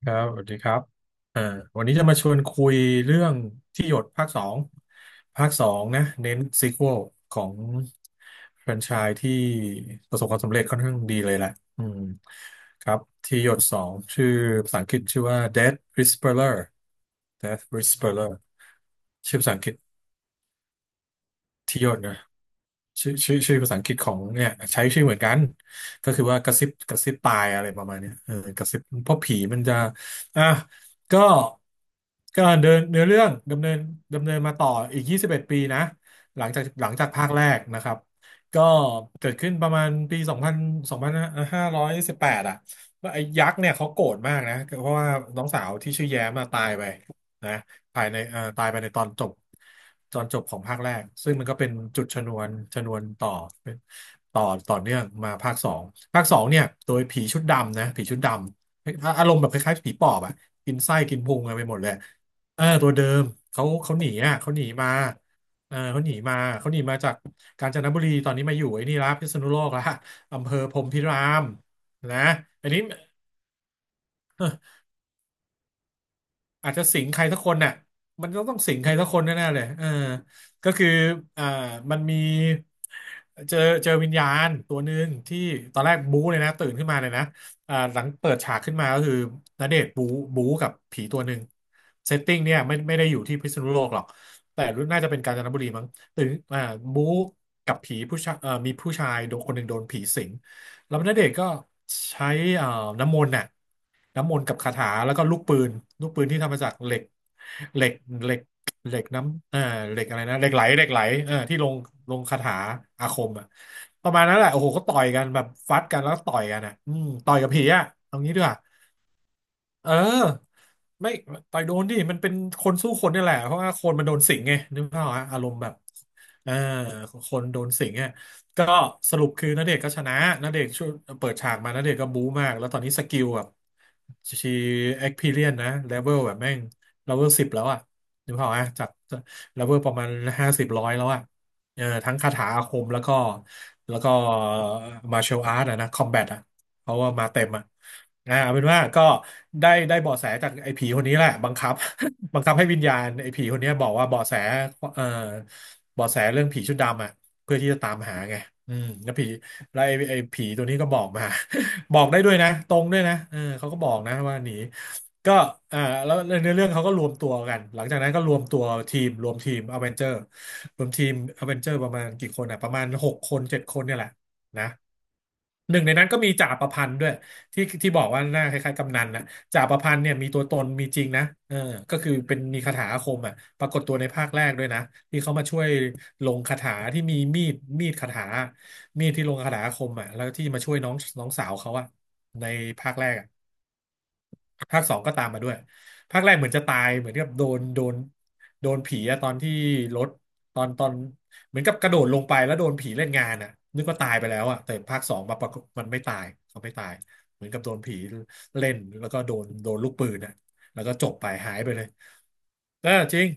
ครับสวัสดีครับอ่าวันนี้จะมาชวนคุยเรื่องที่หยดภาคสองภาคสองนะเน้นซีควอลของแฟรนไชส์ที่ประสบความสำเร็จค่อนข้างดีเลยแหละอืมครับที่หยดสองชื่อภาษาอังกฤษชื่อว่า Death Whisperer Death Whisperer ชื่อภาษาอังกฤษที่หยดนะ ชื่อภาษาอังกฤษของเนี่ยใช้ชื่อเหมือนกันก็คือว่ากระซิบตายอะไรประมาณเนี้ยเออกระซิบเพราะผีมันจะอ่ะก็ก็เดินเนื้อเรื่องดำเนินมาต่ออีก21ปีนะหลังจากภาคแรกนะครับก็เกิดขึ้นประมาณปี2ันสองพันห้5 1 8อยสิบแปดอ่ะว่าไอ้ยักษ์เนี่ยเขาโกรธมากนะเพราะว่าน้องสาวที่ชื่อแย้มมาตายไปนะ ภายในตายไปในตอนจบตอนจบของภาคแรกซึ่งมันก็เป็นจุดชนวนต่อเป็นต่อต่อเนื่องมาภาคสองภาคสองเนี่ยโดยผีชุดดำนะผีชุดดำอาอารมณ์แบบคล้ายๆผีปอบอะกินไส้กินพุงอะไรไปหมดเลยเออตัวเดิมเขาหนีอ่ะเขาหนีมาเออเขาหนีมาจากกาญจนบุรีตอนนี้มาอยู่ไอ้นี่ละพิษณุโลกละอำเภอพรหมพิรามนะอันนี้ อาจจะสิงใครสักคนน่ะมันต้องสิงใครสักคนแน่ๆเลยเออก็คืออ่ามันมีเจอเจอวิญญาณตัวหนึ่งที่ตอนแรกบู๊เลยนะตื่นขึ้นมาเลยนะอ่าหลังเปิดฉากขึ้นมาก็คือณเดชน์บู๊บู๊กับผีตัวหนึ่งเซตติ้งเนี่ยไม่ได้อยู่ที่พิษณุโลกหรอกแต่รู้น่าจะเป็นกาญจนบุรีมั้งตื่นอ่าบู๊กับผีผู้ชายมีผู้ชายโดนคนหนึ่งโดนผีสิงแล้วณเดชน์ก็ใช้เอ่อน้ำมนต์น่ะ น้ำมนต์กับคาถาแล้วก็ลูกปืนลูกปืนที่ทำมาจากเหล็กเหล็กเหล็กเหล็กน้ำเออเหล็กอะไรนะเหล็กไหลเออที่ลงคาถาอาคมอ่ะประมาณนั้นแหละโอ้โหก็ต่อยกันแบบฟัดกันแล้วก็ต่อยกันอ่ะอืมต่อยกับผีอ่ะเอางี้ด้วย เออไม่ต่อยโดนดิมันเป็นคนสู้คนนี่แหละเพราะว่าคนมันโดนสิงไงนึกภาพออกฮะอารมณ์แบบเออคนโดนสิงอ่ะก็สรุปคือณเดชน์ก็ชนะณเดชน์ช่วยเปิดฉากมาณเดชน์ก็บู๊มากแล้วตอนนี้สกิลแบบชีเอ็กพีเรียนนะเลเวลแบบแม่งเลเวลสิบแล้วอ่ะนึกภาพออกฮะจากเลเวลประมาณห้าสิบร้อยแล้วอ่ะเออทั้งคาถาอาคมแล้วก็แล้วก็มาร์เชลอาร์ตนะคอมแบท เพราะว่ามาเต็มอ่ะอ่าเอาเป็นว่าก็ได้เบาะแสจากไอ้ผีคนนี้แหละบังคับ บังคับให้วิญญาณไอ้ผีคนเนี้ยบอกว่าเบาะแสเอ่อเบาะแสเรื่องผีชุดดำอ่ะเพื่อที่จะตามหาไงอืมแล้วผีแล้วไอ้ผีตัวนี้ก็บอกมา บอกได้ด้วยนะตรงด้วยนะเออเขาก็บอกนะว่าหนีก็อ่าแล้วในเรื่องเขาก็รวมตัวกันหลังจากนั้นก็รวมตัวทีมรวมทีมอเวนเจอร์รวมทีมอเวนเจอร์ประมาณกี่คนอ่ะประมาณหกคนเจ็ดคนเนี่ยแหละ นะหนึ่งในนั้นก็มีจ่าประพันธ์ด้วยที่บอกว่าหน้าคล้ายๆกำนันนะจ่าประพันธ์เนี่ยมีตัวตนมีจริงนะเออก็คือเป็นมีคาถาอาคมอ่ะปรากฏตัวในภาคแรกด้วยนะที่เขามาช่วยลงคาถาที่มีมีดมีดคาถามีดที่ลงคาถาอาคมอ่ะแล้วที่มาช่วยน้องน้องสาวเขาอ่ะในภาคแรกอะ ภาคสองก็ตามมาด้วยภาคแรกเหมือนจะตายเหมือนกับโดนผีอะตอนที่รถตอนเหมือนกับกระโดดลงไปแล้วโดนผีเล่นงานอะนึกว่าตายไปแล้วอะแต่ภาคสองมาปรากฏมันไม่ตายเขาไม่ตายเหมือนกับโดนผีเล่นแล้วก็โดนลูกปืนอะแล้วก็จบไปหายไปเลยเออจริง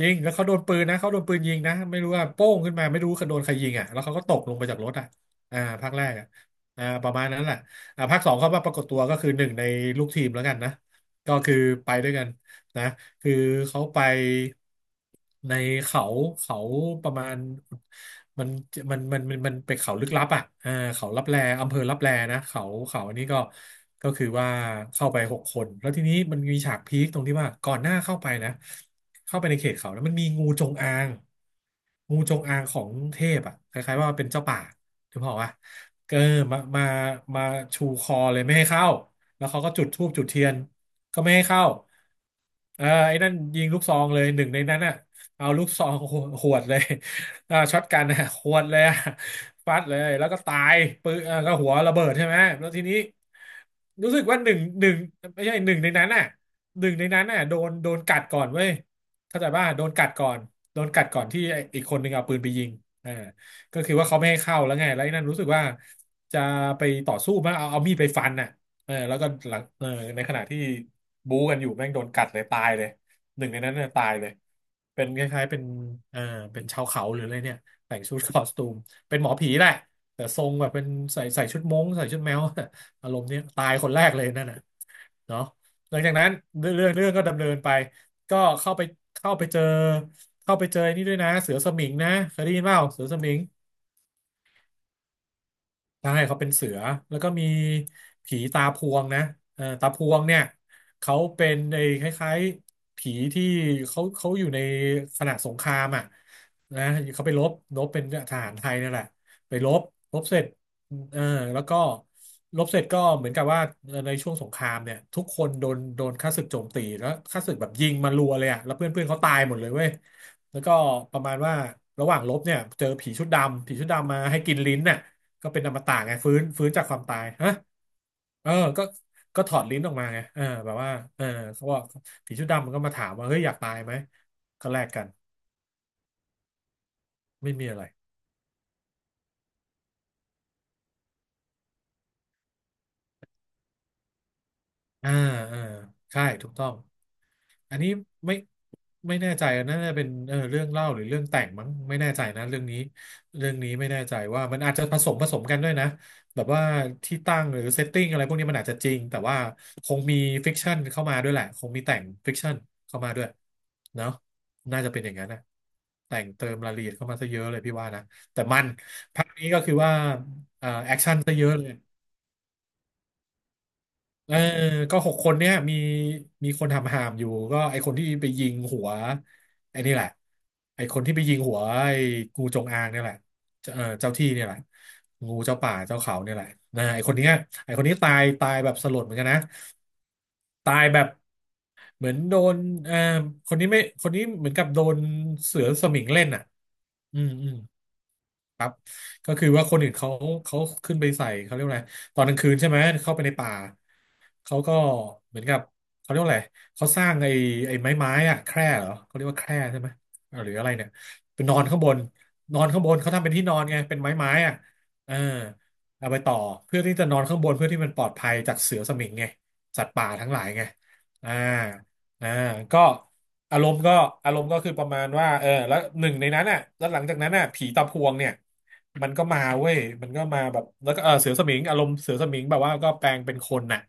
ยิงแล้วเขาโดนปืนนะเขาโดนปืนยิงนะไม่รู้ว่าโป้งขึ้นมาไม่รู้เขาโดนใครยิงอ่ะแล้วเขาก็ตกลงไปจากรถอ่ะอ่าภาคแรกอ่ะอ่าประมาณนั้นแหละ ภาคสองเข้ามาปรากฏตัวก็คือหนึ่งในลูกทีมแล้วกันนะก็คือไปด้วยกันนะคือเขาไปในเขาเขาประมาณมันมันเป็นเขาลึกลับอ่ะเขาลับแลอำเภอลับแลนะเขาเขาอันนี้ก็ก็คือว่าเข้าไปหกคนแล้วทีนี้มันมีฉากพีคตรงที่ว่าก่อนหน้าเข้าไปนะเข้าไปในเขตเขาแล้วมันมีงูจงอางงูจงอางของเทพอ่ะคล้ายๆว่าเป็นเจ้าป่า ถึงบอกว่าเออมามาชูคอเลยไม่ให้เข้า แล้วเขาก็จุดธูปจุดเทียนก็ไม่ให้เข้าเออไอ้นั่นยิงลูกซองเลยหนึ่งในนั้นอ่ะเอาลูกซอง หวดเลย ช็อตกันอ่ะหวดเลยอ่ะฟัดเลยแล้วก็ตายปืนอ่าก็หัวระเบิดใช่ไหมแล้วทีนี้รู้สึกว่าหนึ่งไม่ใช่หนึ่งในนั้นอ่ะหนึ่งในนั้นอ่ะโดนกัดก่อนเว้ยเข้าใจป่ะโดนกัดก่อนโดนกัดก่อนที่ไอ้อีกคนหนึ่งเอาปืนไปยิงอ่า ก็คือว่าเขาไม่ให้เข้าแล้วไงแล้วไอ้นั่นรู้สึกว่าจะไปต่อสู้มั้งเอามีดไปฟันน่ะเออแล้วก็หลังเออในขณะที่บู๊กันอยู่แม่งโดนกัดเลยตายเลยหนึ่งในนั้นเนี่ยตายเลยเป็นคล้ายๆเป็นเออเป็นชาวเขาหรืออะไรเนี่ยแต่งชุดคอสตูมเป็นหมอผีแหละแต่ทรงแบบเป็นใส่ชุดม้งใส่ชุดแมว อารมณ์เนี้ยตายคนแรกเลยนั่นน่ะเนาะหลังจากนั้นเรื่องก็ดำเนินไปก็เข้าไปเข้าไปเจอเข้าไปเจอไอ้นี่ด้วยนะเสือสมิงนะเคยได้ยินเปล่าเสือสมิง ใช่เขาเป็นเสือแล้วก็มีผีตาพวงนะเออตาพวงเนี่ยเขาเป็นไอ้คล้ายๆผีที่เขาเขาอยู่ในขณะสงครามอ่ะนะเขาไปรบรบเป็นทหารไทยนั่นแหละไปรบรบเสร็จเออแล้วก็รบเสร็จก็เหมือนกับว่าในช่วงสงครามเนี่ยทุกคนโดนข้าศึกโจมตีแล้วข้าศึกแบบยิงมารัวเลยอ่ะแล้วเพื่อนเพื่อนเขาตายหมดเลยเว้ยแล้วก็ประมาณว่าระหว่างรบเนี่ยเจอผีชุดดำผีชุดดำมาให้กินลิ้นน่ะ ก็เป็นอมตะไงฟื้นจากความตายฮะเออก็ก็ถอดลิ้นออกมาไงเออแบบว่าเออเขาบอกผีชุดดำมันก็มาถามว่าเฮ้ยอยากตายไหมก็แลกกันไม่มีอะไรอ่าอ่าใช่ถูกต้อง อันนี้ไม่ไม่แน่ใจน่าจะเป็นเออเรื่องเล่าหรือเรื่องแต่งมั้งไม่แน่ใจนะเรื่องนี้เรื่องนี้ไม่แน่ใจว่ามันอาจจะผสมกันด้วยนะแบบว่าที่ตั้งหรือเซตติ้งอะไรพวกนี้มันอาจจะจริงแต่ว่าคงมีฟิกชันเข้ามาด้วยแหละคงมีแต่งฟิกชันเข้ามาด้วยเนาะน่าจะเป็นอย่างนั้นนะแต่งเติมรายละเอียดเข้ามาซะเยอะเลยพี่ว่านะแต่มันภาคนี้ก็คือว่าซะเยอะเลย เออก็หกคนเนี่ยมีมีคนทำหามอยู่ก็ไอคนที่ไปยิงหัวไอนี่แหละไอคนที่ไปยิงหัวไองูจงอางเนี่ยแหละเจ้าเออเจ้าที่เนี่ยแหละงูเจ้าป่าเจ้าเขาเนี่ยแหละนะไอคนเนี้ยไอคนนี้ตายแบบสลดเหมือนกันนะตายแบบเหมือนโดนเออคนนี้ไม่คนนี้เหมือนกับโดนเสือสมิงเล่นอ่ะอืม ก็คือว่าคนอื่นเขาเขาขึ้นไปใส่เขาเรียกว่าอะไรตอนกลางคืนใช่ไหมเข้าไปในป่าเขาก็เหมือนกับเขาเรียกว่าอะไรเขาสร้างไอ้ไม้อะแคร่เหรอเขาเรียกว่าแคร่ใช่ไหมหรืออะไรเนี่ยเป็นนอนข้างบนนอนข้างบนเขาทำเป็นที่นอนไงเป็นไม้อะเออเอาไปต่อเพื่อที่จะนอนข้างบนเพื่อที่มันปลอดภัยจากเสือสมิงไงสัตว์ป่าทั้งหลายไงอ่า อ่าก็อารมณ์ก็อารมณ์ก็คือประมาณว่าเออแล้วหนึ่งในนั้นอ่ะแล้วหลังจากนั้นอ่ะผีตาพวงเนี่ยมันก็มาเว้ยมันก็มาแบบแล้วก็เออเสือสมิงอารมณ์เสือสมิงแบบว่าก็แปลงเป็นคนน่ะ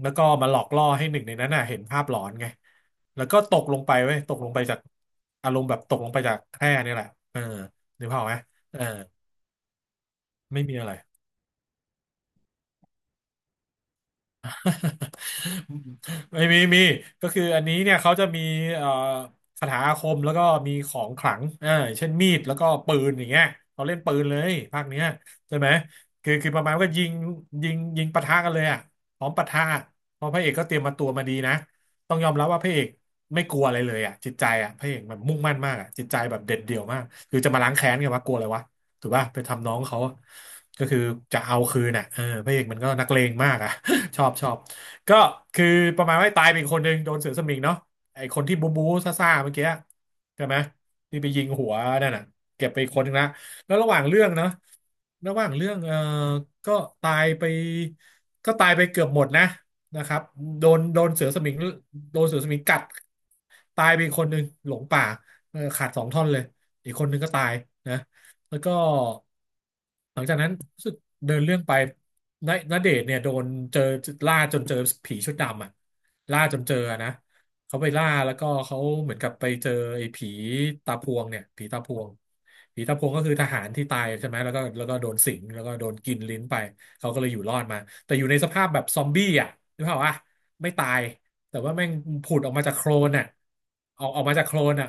แล้วก็มาหลอกล่อให้หนึ่งในนั้นน่ะเห็นภาพหลอนไงแล้วก็ตกลงไปเว้ยตกลงไปจากอารมณ์แบบตกลงไปจากแคร่เนี่ยแหละเออนึกภาพออกไหมเออไม่มีอะไร ไม่มีมีก็คืออันนี้เนี่ยเขาจะมีเอ่อคาถาอาคมแล้วก็มีของขลังเออเช่นมีดแล้วก็ปืนอย่างเงี้ยเขาเล่นปืนเลยภาคเนี้ยใช่ไหมคือประมาณว่าก็ยิงยิงปะทะกันเลยอ่ะพร้อมปะทะเพราะพระเอกก็เตรียมมาตัวมาดีนะต้องยอมรับว่าพระเอกไม่กลัวอะไรเลยอ่ะจิตใจอ่ะพระเอกมันมุ่งมั่นมากอ่ะจิตใจแบบเด็ดเดี่ยวมากคือจะมาล้างแค้นกันวะกลัวอะไรวะถูกป่ะไปทำน้องเขาก็คือจะเอาคืนอ่ะเออพระเอกมันก็นักเลงมากอ่ะ ชอบ ก็คือประมาณว่าตายเป็นคนหนึ่งโดนเสือสมิงเนาะไอคนที่บูบูซ่าๆเมื่อกี้ใช่ไหมที่ไปยิงหัวนั่นน่ะเก็บไปคนหนึงละแล้วระหว่างเรื่องเนาะระหว่างเรื่องเออก็ตายไปก็ตายไปเกือบหมดนะนะครับโดนเสือสมิงโดนเสือสมิงกัดตายไปอีกคนหนึ่งหลงป่าเออขาดสองท่อนเลยอีกคนหนึ่งก็ตายนะ แล้วก็หลังจากนั้นรู้สึกเดินเรื่องไปณเดชน์เนี่ยโดนเจอล่าจนเจอผีชุดดำอ่ะล่าจนเจอนะเขาไปล่าแล้วก็เขาเหมือนกับไปเจอไอ้ผีตาพวงเนี่ยผีตาพวงผีตาพวงก็คือทหารที่ตายใช่ไหมแล้วก็โดนสิงแล้วก็โดนกินลิ้นไปเขาก็เลยอยู่รอดมาแต่อยู่ในสภาพแบบซอมบี้อ่ะนึกภาพว่าไม่ตาย แต่ว่าแม่งผุดออกมาจากโคลนอ่ะออกมาจากโคลนอ่ะ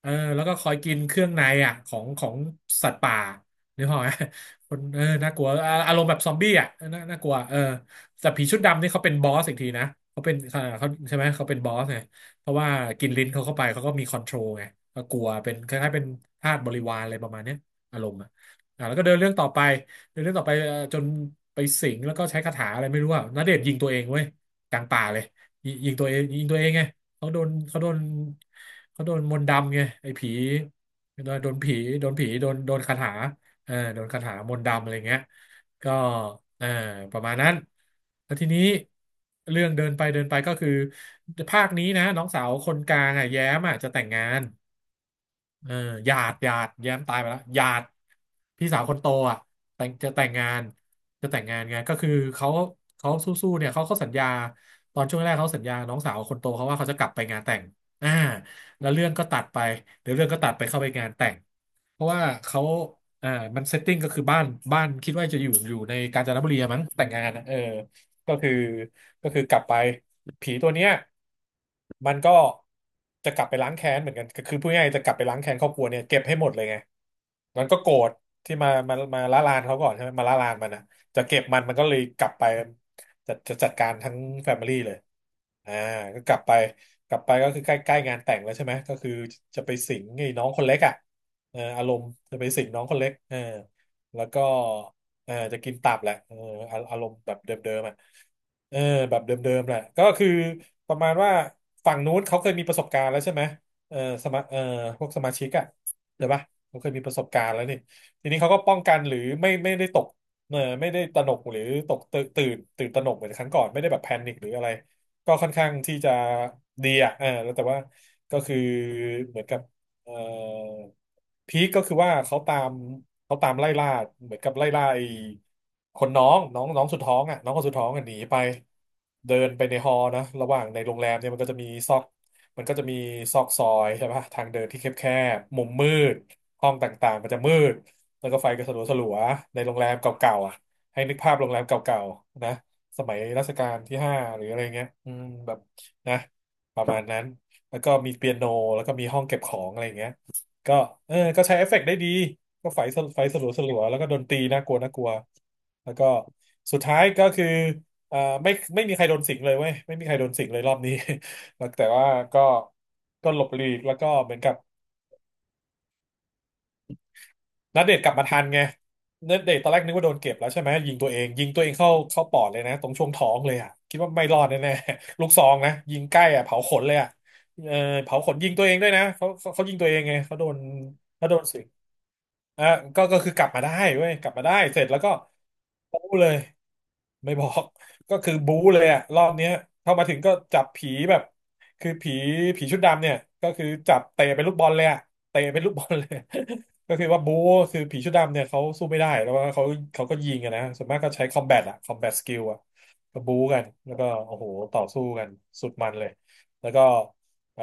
เออแล้วก็คอยกินเครื่องในอ่ะของสัตว์ป่านึกออกไหมคนเออน่ากลัวอารมณ์แบบซอมบี้อ่ะน่ากลัวเออแต่ผีชุดดำนี่เขาเป็นบอสอีกทีนะเขาเป็นเขาใช่ไหมเขาเป็นบอสไงเพราะว่ากินลิ้นเขาเข้าไปเขาก็มีคอนโทรลไงก็กลัวเป็นคล้ายๆเป็นทาสบริวารอะไรประมาณเนี้ยอารมณ์อ่ะอ่าแล้วก็เดินเรื่องต่อไปเดินเรื่องต่อไปจนไปสิงแล้วก็ใช้คาถาอะไรไม่รู้อ่ะณเดชน์ยิงตัวเองเว้ยกลางป่าเลย ยิงตัวเองยิงตัวเองไงเขาโดนเขาโดนมนต์ดำไงไอ้ผีโดนผีโดนคาถาเออโดนคาถามนต์ดำอะไรเงี้ยก็เออประมาณนั้นแล้วทีนี้เรื่องเดินไปก็คือภาคนี้นะน้องสาวคนกลางอ่ะแย้มอ่ะจะแต่งงาน เออหยาดแย้มตายไปแล้วหยาดพี่สาวคนโตอ่ะแต่งจะแต่งงานจะแต่งงานไงก็คือเขาเขาสู้ๆเนี่ยเขาสัญญาตอนช่วงแรกเขาสัญญาน้องสาวคนโตเขาว่าเขาจะกลับไปงานแต่งอ่าแล้วเรื่องก็ตัดไปเดี๋ยวเรื่องก็ตัดไปเข้าไปงานแต่งเพราะว่าเขาอ่ามันเซตติ้งก็คือบ้านบ้านคิดว่าจะอยู่ในกาญจนบุรีอะมั้งแต่งงานอะเออ ก็คือก็คือกลับไปผีตัวเนี้ยมันก็จะกลับไปล้างแค้นเหมือนกันก็คือพูดง่ายๆจะกลับไปล้างแค้นครอบครัวเนี่ยเก็บให้หมดเลยไงมันก็โกรธที่มามาละลานเขาก่อนใช่ไหมมาละลานมันนะจะเก็บมันมันก็เลยกลับไปจะจัดการทั้งแฟมิลี่เลยอ่าก็กลับไปกลับไปก็คือใกล้ใกล้งานแต่งแล้วใช่ไหมก็คือจะไปสิงไอ้น้องคนเล็กอ่ะเอออารมณ์จะไปสิงน้องคนเล็กเออแล้วก็ เออจะกินตับแหละเอออารมณ์แบบเดิมๆอ่ะเออแบบเดิมๆแหละก็คือประมาณว่าฝั่งนู้นเขาเคยมีประสบการณ์แล้วใช่ไหมเออสมาเออพวกสมาชิกอ่ะเดี๋ยวปะเขาเคยมีประสบการณ์แล้วนี่ทีนี้เขาก็ป้องกันหรือไม่ได้ตกเออไม่ได้ตระหนกหรือตกตื่นตระหนกเหมือนครั้งก่อนไม่ได้แบบแพนิคหรืออะไรก็ค่อนข้างที่จะดีอ่ะเออแล้วแต่ว่าก็คือเหมือนกับเอ่อพีคก็คือว่าเขาตาม เขาตามไล่ล่าเหมือนกับไล่ล่าไอ้คนน้องน้องน้องสุดท้องอ่ะน้องคนสุดท้องอ่ะหนีไปเดินไปในฮอลล์นะระหว่างในโรงแรมเนี่ยมันก็จะมีซอกมันก็จะมีซอกซอยใช่ปะทางเดินที่แคบๆมุมมืดห้องต่างๆมันจะมืดแล้วก็ไฟก็สลัวๆในโรงแรมเก่าๆอ่ะให้นึกภาพโรงแรมเก่าๆนะสมัยรัชกาลที่ห้าหรืออะไรเงี้ยอืมแบบนะประมาณนั้นแล้วก็มีเปียโนแล้วก็มีห้องเก็บของอะไรอย่างเงี้ยก็เออก็ใช้เอฟเฟกต์ได้ดี ก็ไฟสลัวสลัวแล้วก็โดนตีน่ากลัวน่ากลัวแล้วก็สุดท้ายก็คือเอ่อไม่ไม่มีใครโดนสิงเลยเว้ยไม่มีใครโดนสิงเลยรอบนี้ แล้วแต่ว่าก็หลบหลีกแล้วก็เหมือนกับนัดเดทกลับมาทันไงนัดเดทตอนแรกนึกว่าโดนเก็บแล้วใช่ไหมยิงตัวเองยิงตัวเองเข้าปอดเลยนะตรงช่วงท้องเลยอ่ะคิดว่าไม่รอดแน่ๆลูกซองนะยิงใกล้อ่ะเผาขนเลยอ่ะเออเผาขนยิงตัวเองด้วยนะเขายิงตัวเองไงเขาโดนเขาโดนสิง อ่ะก็คือกลับมาได้เว้ยกลับมาได้เสร็จแล้วก็บู๊เลยไม่บอก ก็คือบู๊เลยอะรอบเนี้ยเข้ามาถึงก็จับผีแบบคือผีผีชุดดำเนี่ยก็คือจับเตะเป็นลูกบอลเลยอะเตะเป็นลูกบอลเลย ก็คือว่าบู๊คือผีชุดดำเนี่ยเขาสู้ไม่ได้แล้วว่าเขาเขาก็ยิงอะนะส่วนมากก็ใช้คอมแบทอะคอมแบทสกิลอะก็บู๊กันแล้วก็โอ้โหต่อสู้กันสุดมันเลยแล้วก็เอ่อ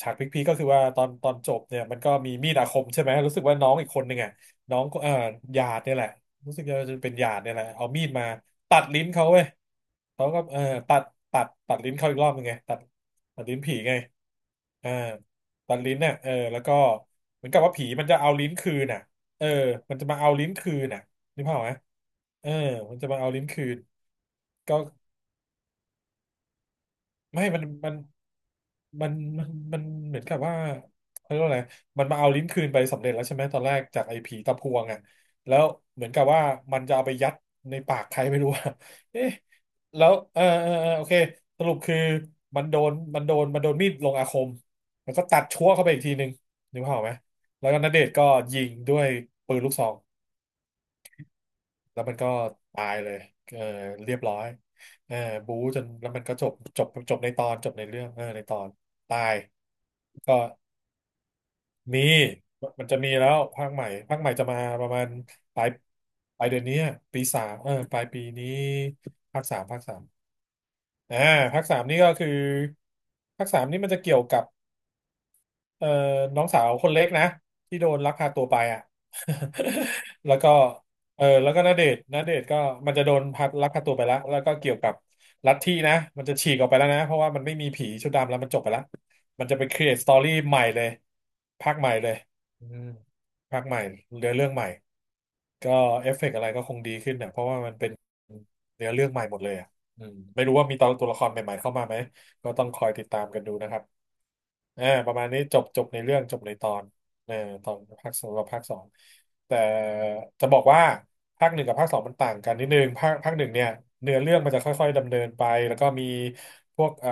ฉากพีคๆก็คือว่าตอนจบเนี่ยมันก็มีมีดอาคมใช่ไหมรู้สึกว่าน้องอีกคนหนึ่งอ่ะน้องก็หยาดเนี่ยแหละรู้สึกจะเป็นหยาดเนี่ยแหละเอามีดมาตัดลิ้นเขาเว้ยเขาก็เออตัดตัดลิ้นเขาอีกรอบหนึงไงตัดตัดลิ้นผีไงเออตัดลิ้นเนี่ยเออแล้วก็เหมือนกับว่าผีมันจะเอาลิ้นคืนน่ะเออมันจะมาเอาลิ้นคืนน่ะนึกภาพออกไหมเออมันจะมาเอาลิ้นคืนก็ไม่มัน มันมันมันเหมือนกับว่าเขาเรียกว่าอะไรมันมาเอาลิ้นคืนไปสำเร็จแล้วใช่ไหมตอนแรกจากไอ้ผีตะพวงอ่ะแล้วเหมือนกับว่ามันจะเอาไปยัดในปากใครไม่รู้อะ เอ๊ะแล้วเออโอเคสรุปคือมันโดนมีดลงอาคมแล้วก็ตัดชั่วเข้าไปอีกทีหนึ่งนึกภาพออกไหมแล้วก็ณเดชน์ก็ยิงด้วยปืนลูกซอง แล้วมันก็ตายเลยเออเรียบร้อยเออบู๊จนแล้วมันก็จบจบจบในตอนจบในเรื่องเออในตอนตายก็มีมันจะมีแล้วภาคใหม่ภาคใหม่จะมาประมาณปลายปลายเดือนนี้อะปีสามเออปลายปีนี้ภาคสามภาคสามอ่าภาคสามนี่ก็คือภาคสามนี่มันจะเกี่ยวกับ เอ่อน้องสาวคนเล็กนะที่โดนลักพาตัวไปอ่ะ แล้วก็เออแล้วก็ณเดชน์ณเดชน์ก็มันจะโดนลักพาตัวไปแล้วแล้วก็เกี่ยวกับลัทธินะมันจะฉีกออกไปแล้วนะเพราะว่ามันไม่มีผีชุดดำแล้วมันจบไปแล้วมันจะไป create story ใหม่เลยภาคใหม่เลยอืมภาคใหม่เนื้อเรื่องใหม่ก็เอฟเฟกต์อะไรก็คงดีขึ้นเนี่ยเพราะว่ามันเป็นเนื้อเรื่องใหม่หมดเลยอ่ะอืมไม่รู้ว่ามีตัวละครใหม่ๆเข้ามาไหมก็ต้องคอยติดตามกันดูนะครับ เอ่าประมาณนี้จบจบในเรื่องจบในตอนเออตอนภาคสองกับภาคสองแต่จะบอกว่าภาคหนึ่งกับภาคสองมันต่างกันนิดนึงภาคหนึ่งเนี่ยเนื้อเรื่องมันจะค่อยๆดำเนินไปแล้วก็มีพวก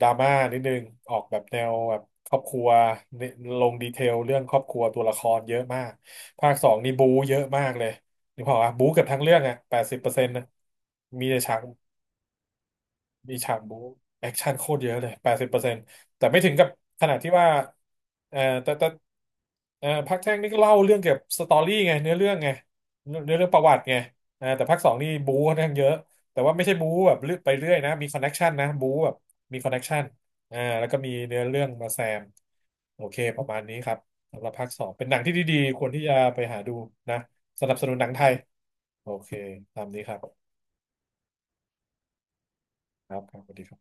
ดราม่านิดนึงออกแบบแนวแบบครอบครัวเนี่ยลงดีเทลเรื่องครอบครัวตัวละครเยอะมากภาคสองนี่บู๊เยอะมากเลยนึกภาพออกปะบู๊เกือบทั้งเรื่องอ่ะแปดสิบเปอร์เซ็นต์นะมีแต่ฉาก มีฉากบู๊แอคชั่นโคตรเยอะเลยแปดสิบเปอร์เซ็นต์แต่ไม่ถึงกับขนาดที่ว่าแต่ภาคแรกนี่ก็เล่าเรื่องเกี่ยวกับสตอรี่ไงเนื้อเรื่องไงเนื้อเรื่องประวัติไงอ่าแต่ภาคสองนี่บู๊ค่อนข้างเยอะแต่ว่าไม่ใช่บู๊แบบเลือกไปเรื่อยนะมีคอนเน็กชันนะบู๊แบบมีคอนเน็กชันอ่าแล้วก็มีเนื้อเรื่องมาแซมโอเคประมาณนี้ครับสำหรับภาคสองเป็นหนังที่ดีๆควรที่จะไปหาดูนะสนับสนุนหนังไทยโอเคตามนี้ครับครับครับสวัสดีครับ